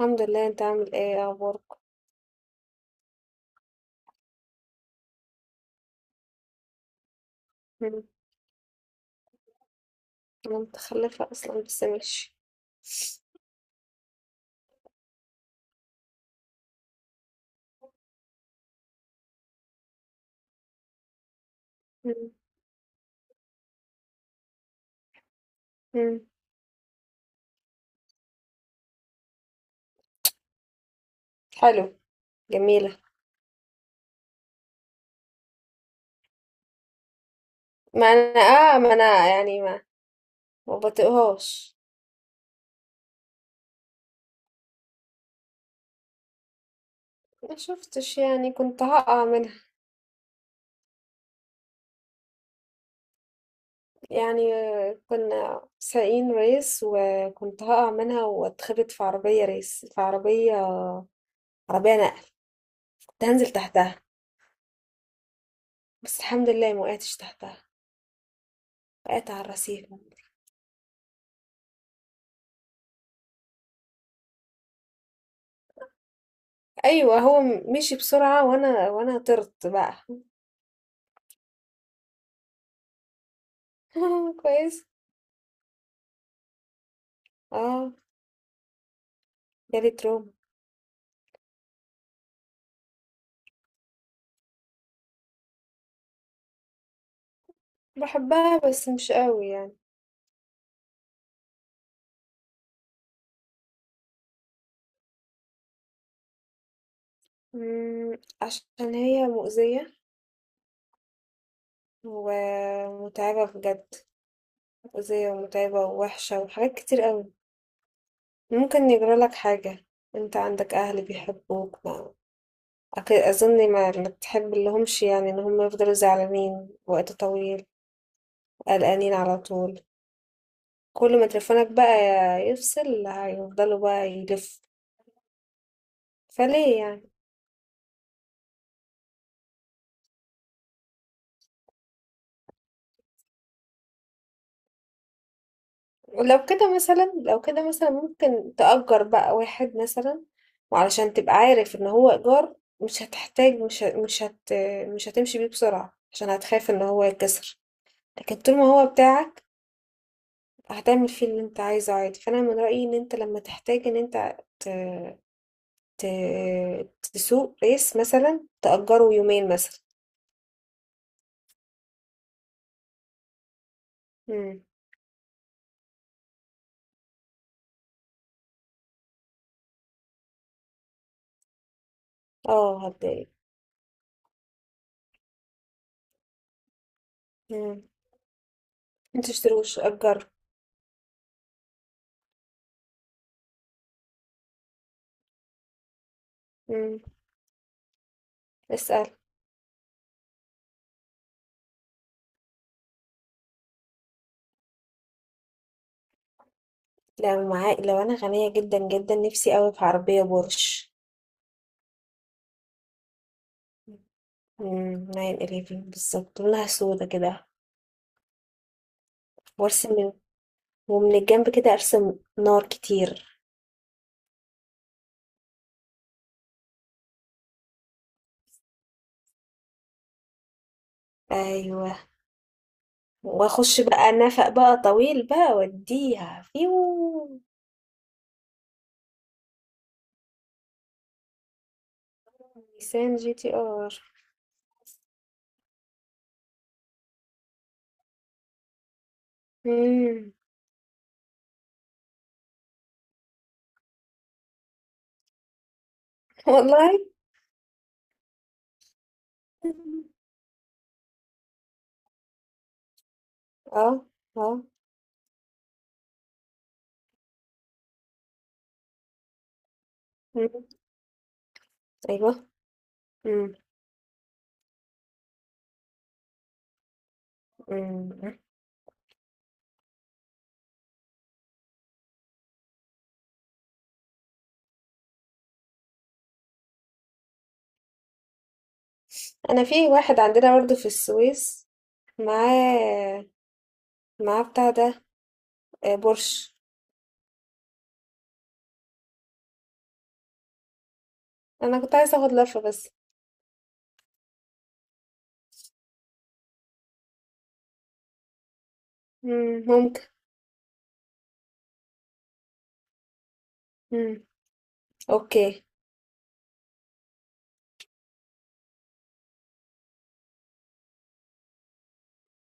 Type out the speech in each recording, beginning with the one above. الحمد لله. انت عامل ايه؟ ايه اخبارك؟ مم. انا متخلفة اصلا، بس ماشي. مم. مم. حلو. جميلة. ما انا يعني ما بطيقهاش. ما شفتش، يعني كنت هقع منها. يعني كنا سايقين ريس، وكنت هقع منها واتخبط في عربية ريس، في عربية نقل. كنت هنزل تحتها، بس الحمد لله ما وقعتش تحتها. وقعت على الرصيف. ايوه، هو مشي بسرعة، وانا طرت بقى. كويس. اه، جالي تروما. بحبها بس مش قوي يعني. عشان هي مؤذية ومتعبة بجد. مؤذية ومتعبة ووحشة وحاجات كتير قوي. ممكن يجرى لك حاجة. انت عندك اهل بيحبوك. ما اظن ما بتحب لهمش، يعني ان هم يفضلوا زعلانين وقت طويل، قلقانين على طول. كل ما تليفونك بقى يفصل، هيفضلوا بقى يلف. فليه يعني؟ لو كده مثلا ممكن تأجر بقى واحد مثلا، وعلشان تبقى عارف ان هو إيجار مش هتحتاج. مش ه- مش هت مش هتمشي بيه بسرعة، عشان هتخاف ان هو يتكسر. لكن طول ما هو بتاعك، هتعمل فيه اللي انت عايزه عادي. فانا من رأيي ان انت لما تحتاج ان انت ت... تسوق ريس مثلا، تأجره يومين مثلا. مم. اه، هتضايق. مم. متشتروش، أجره. مم. اسأل. لو انا غنية جدا جدا، نفسي قوي في عربية بورش. 911 بالظبط، لونها سودا كده. وارسم من، ومن الجنب كده ارسم نار كتير. ايوه. واخش بقى نفق بقى طويل بقى واديها فيو. نيسان جي تي ار. مم. والله. اه. اه. مم. ايوه. مم. مم. انا في واحد عندنا برضه في السويس. معاه معاه بتاع ده. بورش. انا كنت عايزه اخد لفه بس. ممكن. مم. اوكي.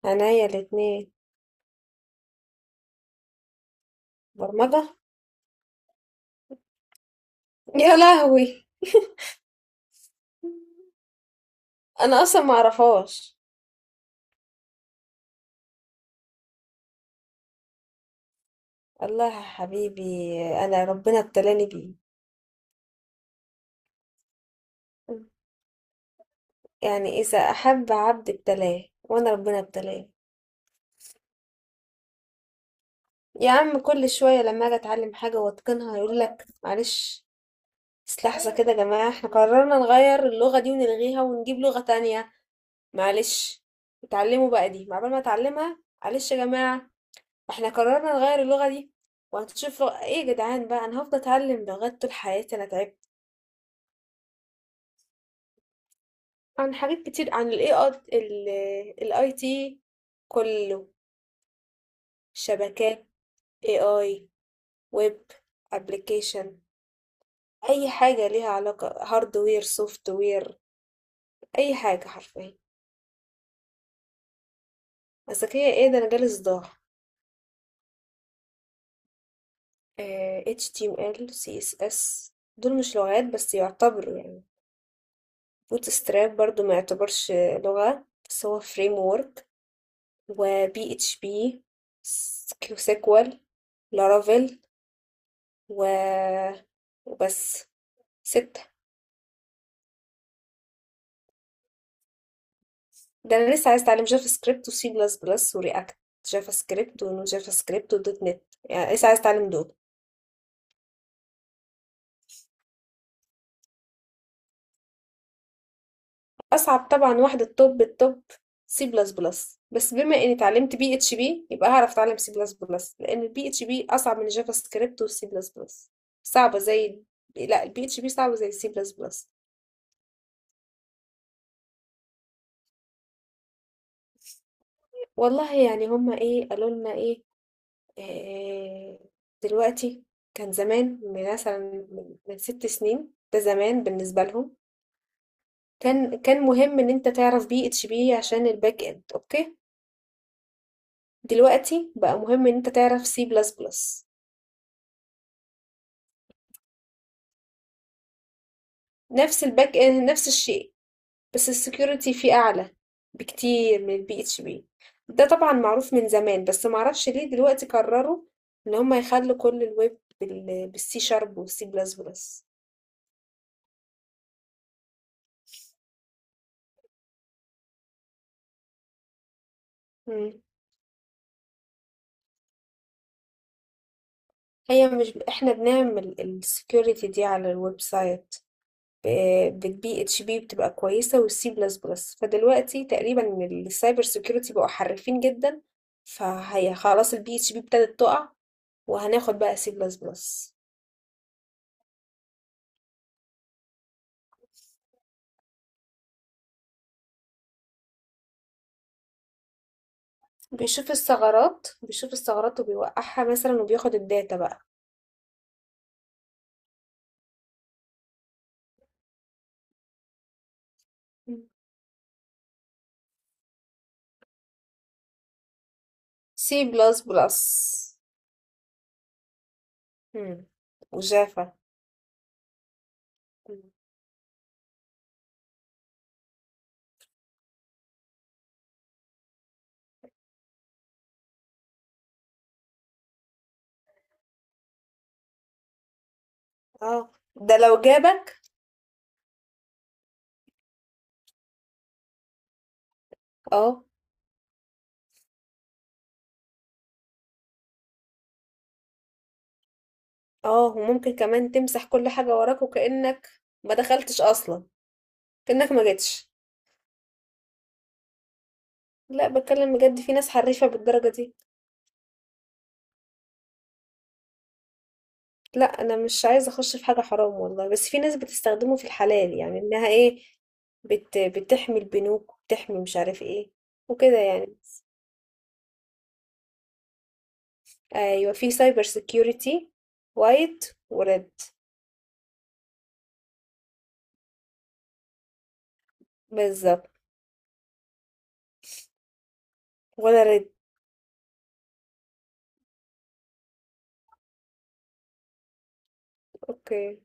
عينيا الاتنين. برمجه. يا لهوي. انا اصلا ما اعرفهاش. الله يا حبيبي. انا ربنا ابتلاني بيه. يعني اذا احب عبد ابتلاه، وانا ربنا ابتلاه. يا عم كل شويه لما اجي اتعلم حاجه واتقنها، يقول لك: معلش، بس لحظه كده يا جماعه، احنا قررنا نغير اللغه دي ونلغيها ونجيب لغه تانية. معلش، اتعلموا بقى دي عقبال ما اتعلمها. معلش يا جماعة، احنا قررنا نغير اللغة دي، وهتشوف لغة ايه يا جدعان بقى. انا هفضل اتعلم لغات طول حياتي، انا تعبت. عن حاجات كتير، عن ال الاي تي كله. شبكات، AI، ويب، ابلكيشن، اي حاجة ليها علاقة، هاردوير سوفت وير، اي حاجة حرفيا. بس هي ايه ده، انا جالي صداع. HTML CSS دول مش لغات بس، يعتبروا يعني. بوت ستراب برضو ما يعتبرش لغة، بس هو فريم وورك. و بي اتش بي، كيو سيكوال، لارافيل، و وبس. 6. ده انا لسه عايز اتعلم جافا سكريبت وسي بلس بلس ورياكت. جافا سكريبت ونو جافا سكريبت ودوت نت يعني لسه عايز اتعلم دول. أصعب طبعا واحدة، التوب التوب، سي بلس بلس. بس بما إني اتعلمت بي اتش بي، يبقى هعرف أتعلم سي بلس بلس، لأن البي اتش بي أصعب من جافا سكريبت والسي بلس بلس. صعبة زي لا، البي اتش بي صعبة زي السي بلس بلس. والله يعني هما إيه قالوا لنا إيه؟ آه، دلوقتي. كان زمان، من مثلا، من 6 سنين، ده زمان بالنسبة لهم. كان مهم إن أنت تعرف بي اتش بي عشان الباك إند، أوكي. دلوقتي بقى مهم إن أنت تعرف سي بلس بلس. نفس الباك اند، نفس الشيء، بس السكيورتي فيه اعلى بكتير من البي اتش بي. ده طبعا معروف من زمان، بس معرفش ليه دلوقتي قرروا ان هم يخلوا كل الويب بالسي شارب والسي بلس بلس. مم. هي مش احنا بنعمل السكيورتي دي على الويب سايت؟ بالبي اتش بي بتبقى كويسه، والسي بلس بلس فدلوقتي تقريبا السايبر سكيورتي بقوا حرفين جدا، فهي خلاص البي اتش بي ابتدت تقع، وهناخد بقى سي بلس بلس. بيشوف الثغرات، بيشوف الثغرات وبيوقعها مثلا، وبياخد الداتا بقى. مم. سي بلس بلس وجافا. مم. اه. ده لو جابك. اه. اه، وممكن كمان تمسح كل حاجة وراك، وكأنك ما دخلتش أصلا، كأنك ما جيتش. لا، بتكلم بجد، في ناس حريفة بالدرجة دي. لا، أنا مش عايزة أخش في حاجة حرام والله، بس في ناس بتستخدمه في الحلال يعني، إنها إيه، بتحمي البنوك وبتحمي مش عارف إيه وكده يعني. ايوه، في سايبر سيكيورتي، وايت وريد. بالظبط. ولا ريد. اوكي.